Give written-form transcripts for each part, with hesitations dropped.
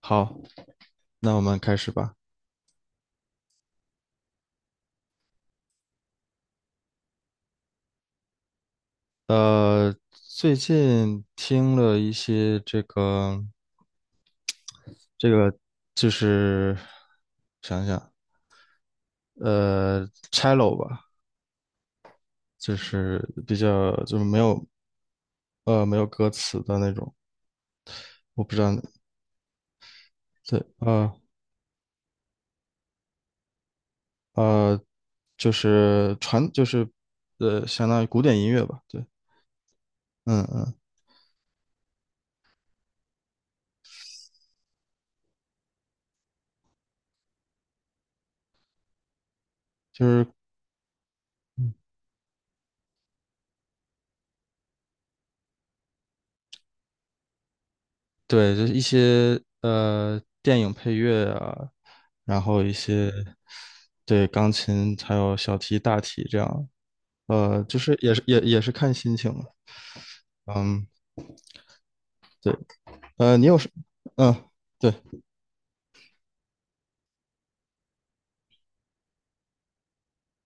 好，那我们开始吧。最近听了一些这个，就是想想，呃，cello 吧，就是没有没有歌词的那种，我不知道，对，呃，就是传就是呃相当于古典音乐吧，对，嗯嗯，就是对，就是一些电影配乐啊，然后一些对钢琴还有小提、大提这样，就是也是看心情了，嗯，对。呃，你有什，嗯，对，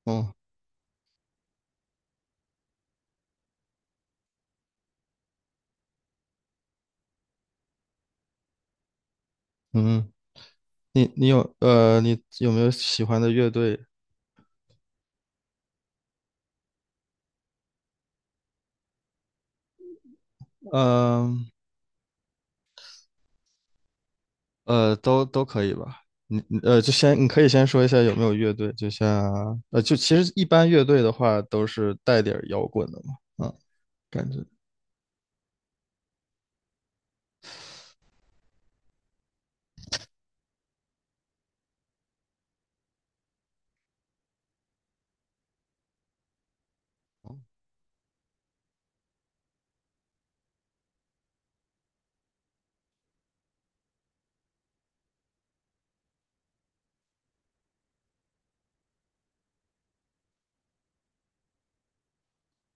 嗯嗯，你有没有喜欢的乐队？嗯都可以吧。你你呃，就先你可以先说一下有没有乐队，就像就其实一般乐队的话都是带点儿摇滚的嘛，嗯，感觉。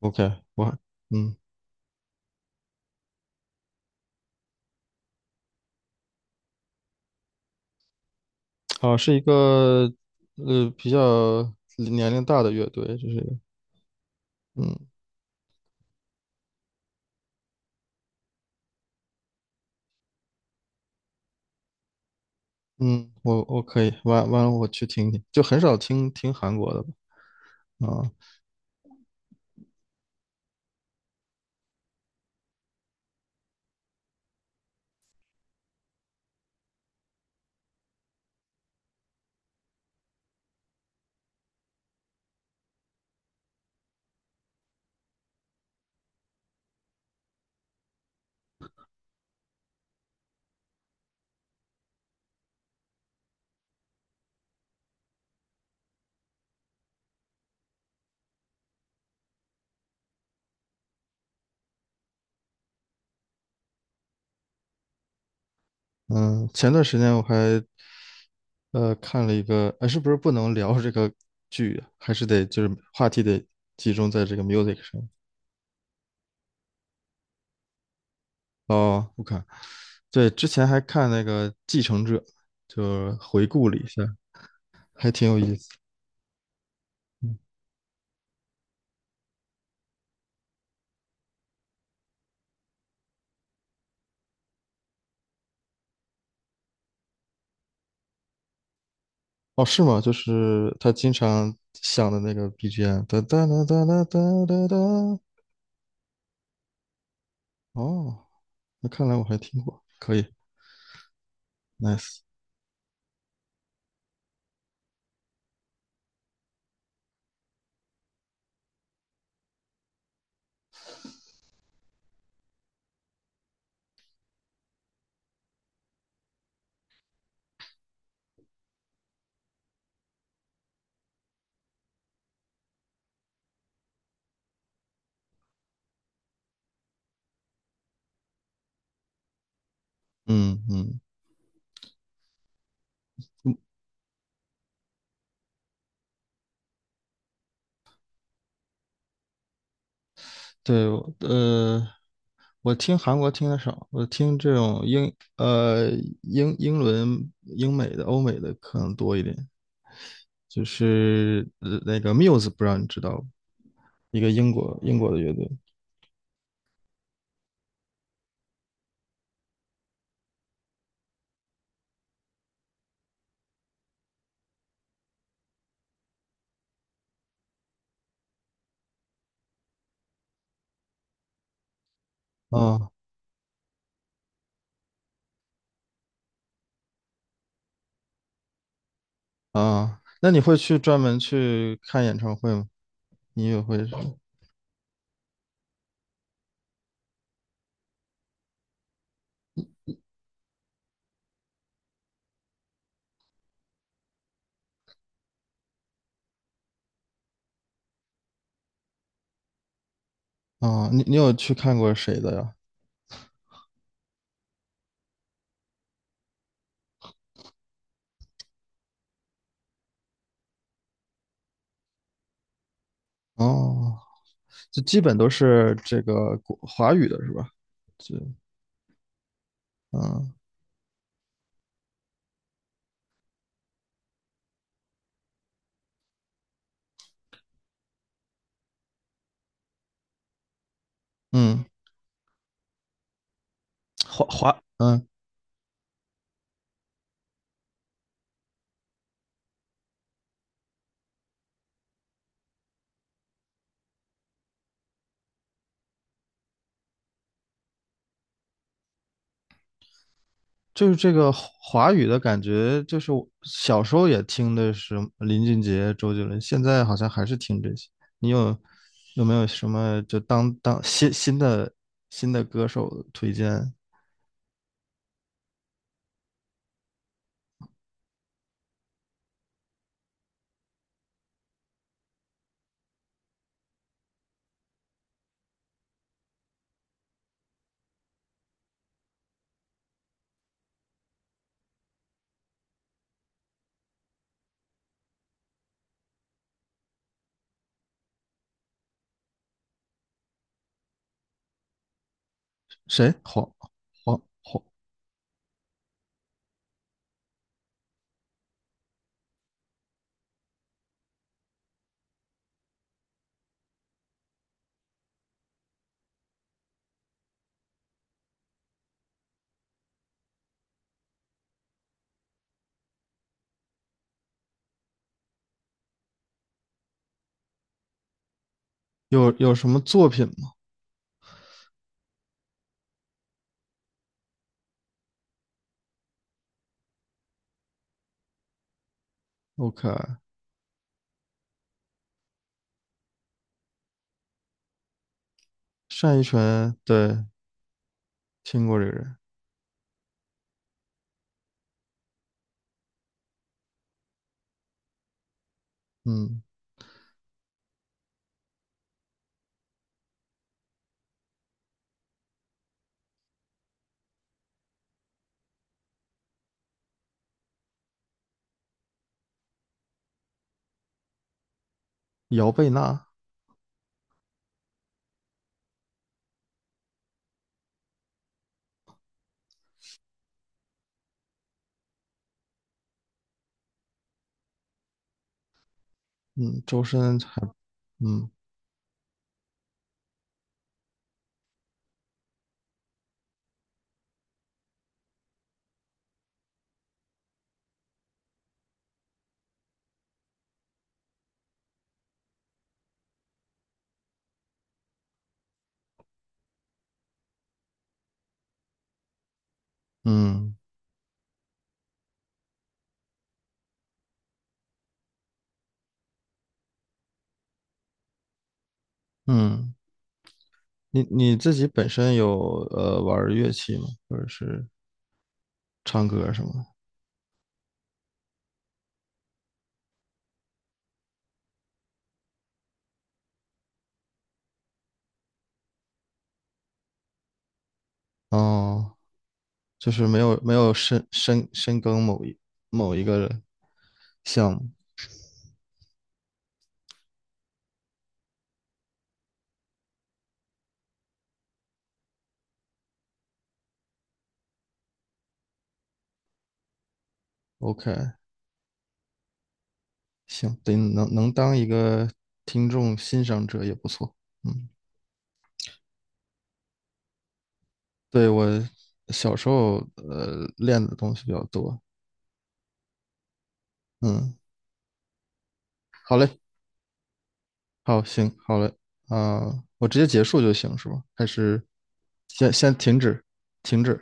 OK，我还嗯，好，是一个比较年龄大的乐队，就是嗯嗯，我可以完了我去听听，就很少听韩国的吧啊。嗯，前段时间我还看了一个，哎，是不是不能聊这个剧啊，还是得就是话题得集中在这个 music 上。哦，我看对，之前还看那个《继承者》，就回顾了一下，还挺有意思。哦，是吗？就是他经常响的那个 BGM，哒哒哒哒哒哒哒哒。哦，那看来我还听过，可以，nice。嗯嗯，对，呃，我听韩国听的少，我听这种英英伦英美的欧美的可能多一点，就是那个 Muse，不知道你知道吗，一个英国的乐队。啊，啊，那你会去专门去看演唱会吗？你也会是。啊？你有去看过谁的呀？哦，就基本都是这个国华语的是吧？就嗯嗯，嗯，就是这个华语的感觉，就是我小时候也听的是林俊杰、周杰伦，现在好像还是听这些。你有有没有什么就当的新的歌手推荐？谁？黄有有什么作品吗？OK，单依纯，对，听过这个人。嗯，姚贝娜。嗯，周深还，嗯嗯嗯，你自己本身有玩儿乐器吗？或者是唱歌什么的？哦，就是没有没有深耕某一某一个项目。OK，行，得能当一个听众欣赏者也不错，嗯。对，我小时候练的东西比较多。嗯，好嘞，好，行，好嘞，啊、我直接结束就行是吧？还是先停止，停止？